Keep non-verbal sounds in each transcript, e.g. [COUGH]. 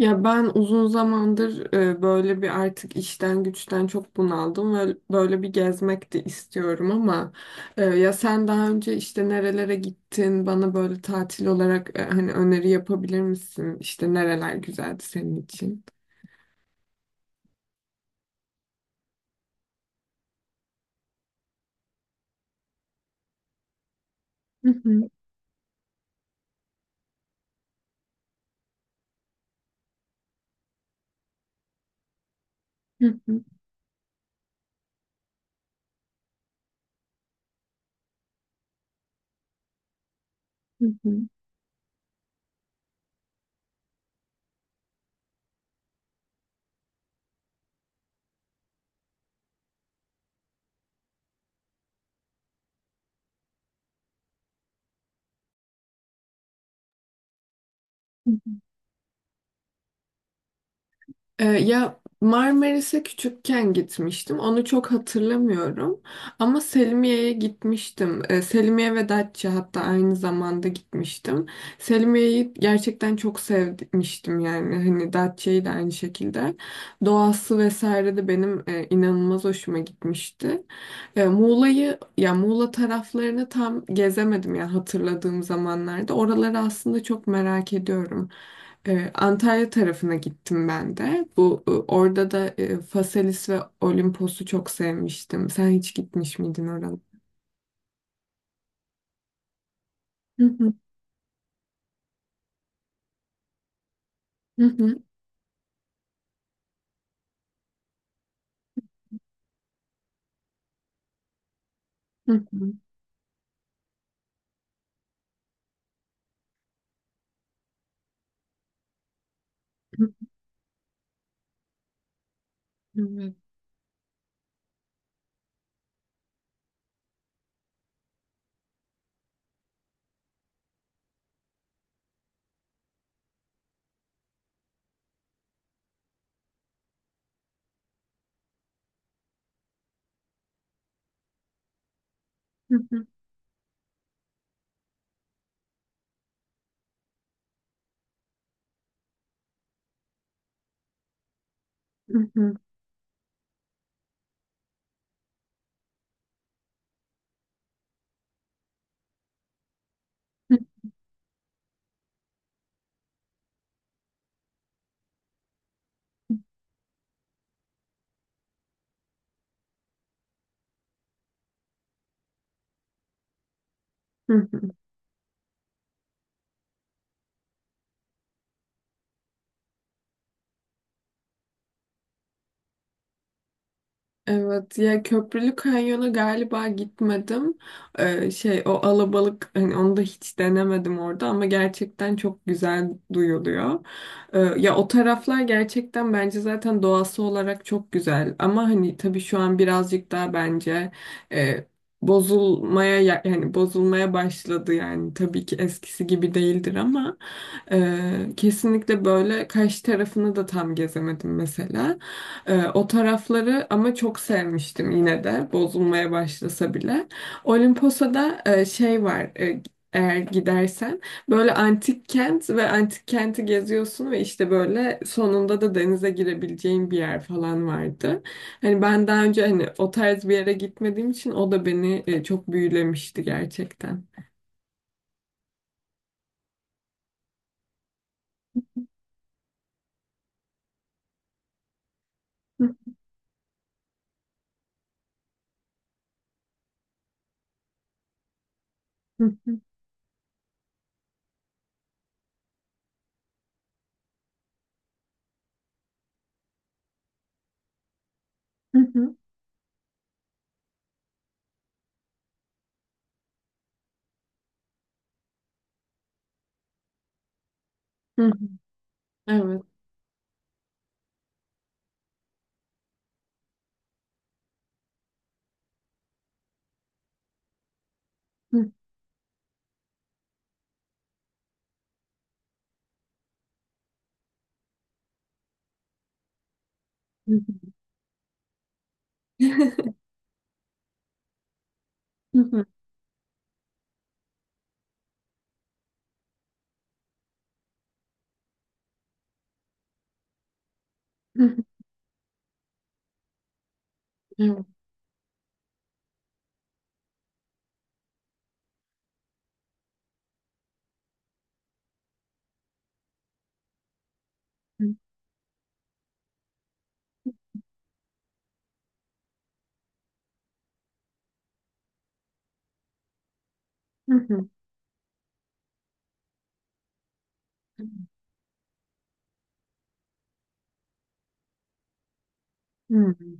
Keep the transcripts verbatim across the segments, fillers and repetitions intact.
Ya ben uzun zamandır e, böyle bir artık işten güçten çok bunaldım ve böyle bir gezmek de istiyorum ama e, ya sen daha önce işte nerelere gittin bana böyle tatil olarak e, hani öneri yapabilir misin? İşte nereler güzeldi senin için? Hı hı, hı hı, hı hı. Ee, ya Marmaris'e küçükken gitmiştim. Onu çok hatırlamıyorum. Ama Selimiye'ye gitmiştim. Ee, Selimiye ve Datça hatta aynı zamanda gitmiştim. Selimiye'yi gerçekten çok sevmiştim yani. Hani Datça'yı da aynı şekilde. Doğası vesaire de benim e, inanılmaz hoşuma gitmişti. E, Muğla'yı ya Muğla taraflarını tam gezemedim ya hatırladığım zamanlarda. Oraları aslında çok merak ediyorum. E, Antalya tarafına gittim ben de. Bu e, orada da e, Phaselis ve Olimpos'u çok sevmiştim. Sen hiç gitmiş miydin oralara? Hı hı, hı hı, hı hı, hı hı, evet. Hı hı, hı hı, hı hı. Evet ya Köprülü Kanyon'a galiba gitmedim. Ee, şey o alabalık hani onu da hiç denemedim orada ama gerçekten çok güzel duyuluyor. Ee, ya o taraflar gerçekten bence zaten doğası olarak çok güzel ama hani tabii şu an birazcık daha bence e, bozulmaya ya- yani bozulmaya başladı yani tabii ki eskisi gibi değildir ama e, kesinlikle böyle Kaş tarafını da tam gezemedim mesela. Ee, o tarafları ama çok sevmiştim yine de bozulmaya başlasa bile. Olimposa'da e, şey var e, eğer gidersen böyle antik kent ve antik kenti geziyorsun ve işte böyle sonunda da denize girebileceğin bir yer falan vardı. Hani ben daha önce hani o tarz bir yere gitmediğim için o da beni e, çok büyülemişti gerçekten. Evet. [LAUGHS] Evet. Hı hı hı hı hı hı hı hı hı. [LAUGHS]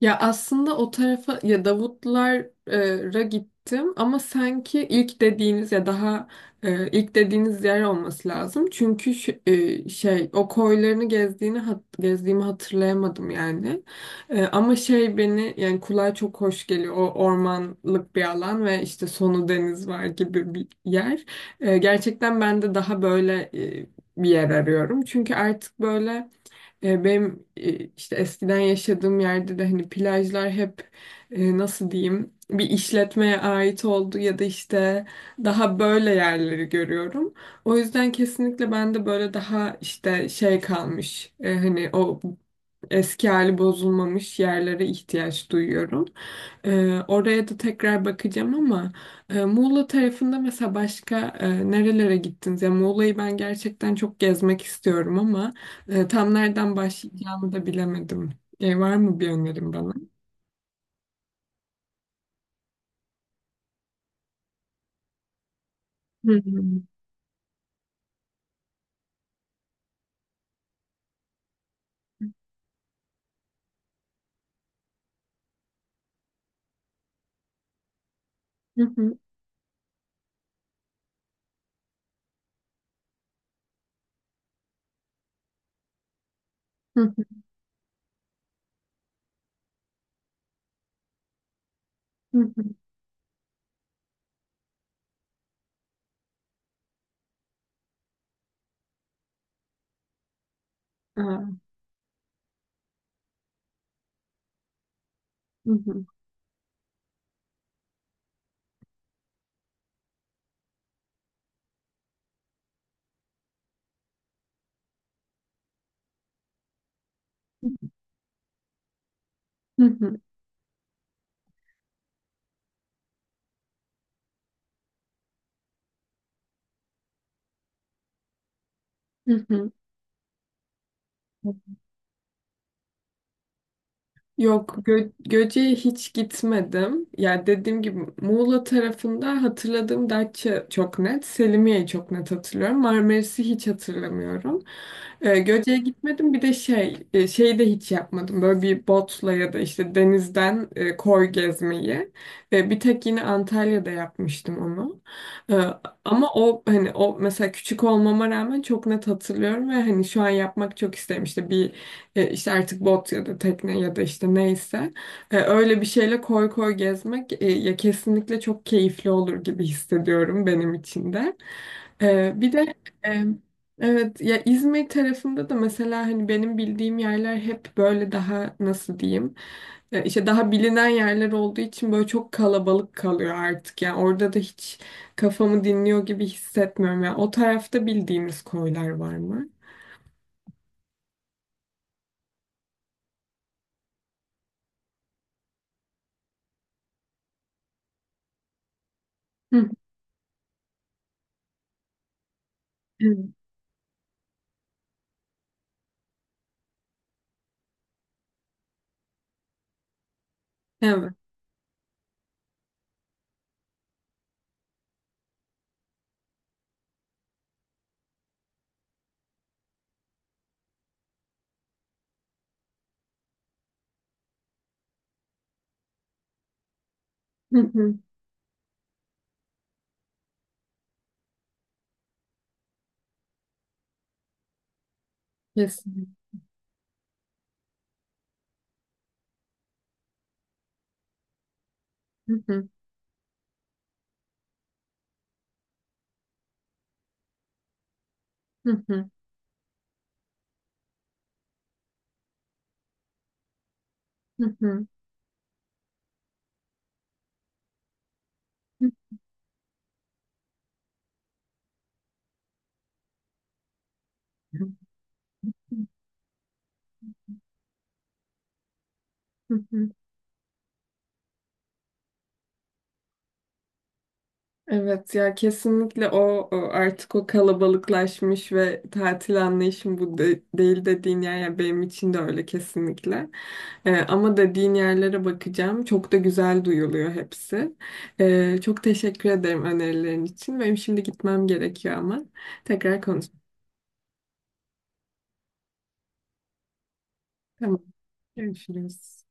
Ya aslında o tarafa ya Davutlar'a gittim ama sanki ilk dediğiniz ya daha e, ilk dediğiniz yer olması lazım. Çünkü şu- e, şey o koylarını gezdiğini hat- gezdiğimi hatırlayamadım yani. E, ama şey beni yani kulağa çok hoş geliyor. O ormanlık bir alan ve işte sonu deniz var gibi bir yer. E, gerçekten ben de daha böyle e, bir yer arıyorum. Çünkü artık böyle e, benim e, işte eskiden yaşadığım yerde de hani plajlar hep e, nasıl diyeyim bir işletmeye ait oldu ya da işte daha böyle yerleri görüyorum. O yüzden kesinlikle ben de böyle daha işte şey kalmış e, hani o eski hali bozulmamış yerlere ihtiyaç duyuyorum. E, oraya da tekrar bakacağım ama e, Muğla tarafında mesela başka e, nerelere gittiniz? Ya Muğla'yı ben gerçekten çok gezmek istiyorum ama. E, tam nereden başlayacağımı da bilemedim. E, var mı bir önerin bana? Hı hı. Hı hı. Hı hı. Hı hı. Aa, hı hı. Hı hı. Hı hı. Yok, Gö Göce'ye hiç gitmedim. Ya dediğim gibi Muğla tarafında hatırladığım Datça çok net, Selimiye'yi çok net hatırlıyorum. Marmaris'i hiç hatırlamıyorum. Ee, Göce'ye gitmedim. Bir de şey, e, şeyi de hiç yapmadım. Böyle bir botla ya da işte denizden e, koy gezmeyi. E, bir tek yine Antalya'da yapmıştım onu. E, Ama o hani o mesela küçük olmama rağmen çok net hatırlıyorum ve hani şu an yapmak çok isterim. İşte bir e, işte artık bot ya da tekne ya da işte neyse. E, öyle bir şeyle koy koy gezmek e, ya kesinlikle çok keyifli olur gibi hissediyorum benim için de. E, bir de e, evet ya İzmir tarafında da mesela hani benim bildiğim yerler hep böyle daha nasıl diyeyim e, işte daha bilinen yerler olduğu için böyle çok kalabalık kalıyor artık yani orada da hiç kafamı dinliyor gibi hissetmiyorum yani o tarafta bildiğimiz koylar var mı? Hı hı. Evet. [LAUGHS] Kesinlikle. Hı hı, hı hı, hı hı, hı hı, hı hı. Evet ya kesinlikle o, o artık o kalabalıklaşmış ve tatil anlayışım bu de- değil dediğin yer yani benim için de öyle kesinlikle. Ee, ama dediğin yerlere bakacağım. Çok da güzel duyuluyor hepsi. Ee, çok teşekkür ederim önerilerin için. Benim şimdi gitmem gerekiyor ama tekrar konuşalım. Tamam, görüşürüz.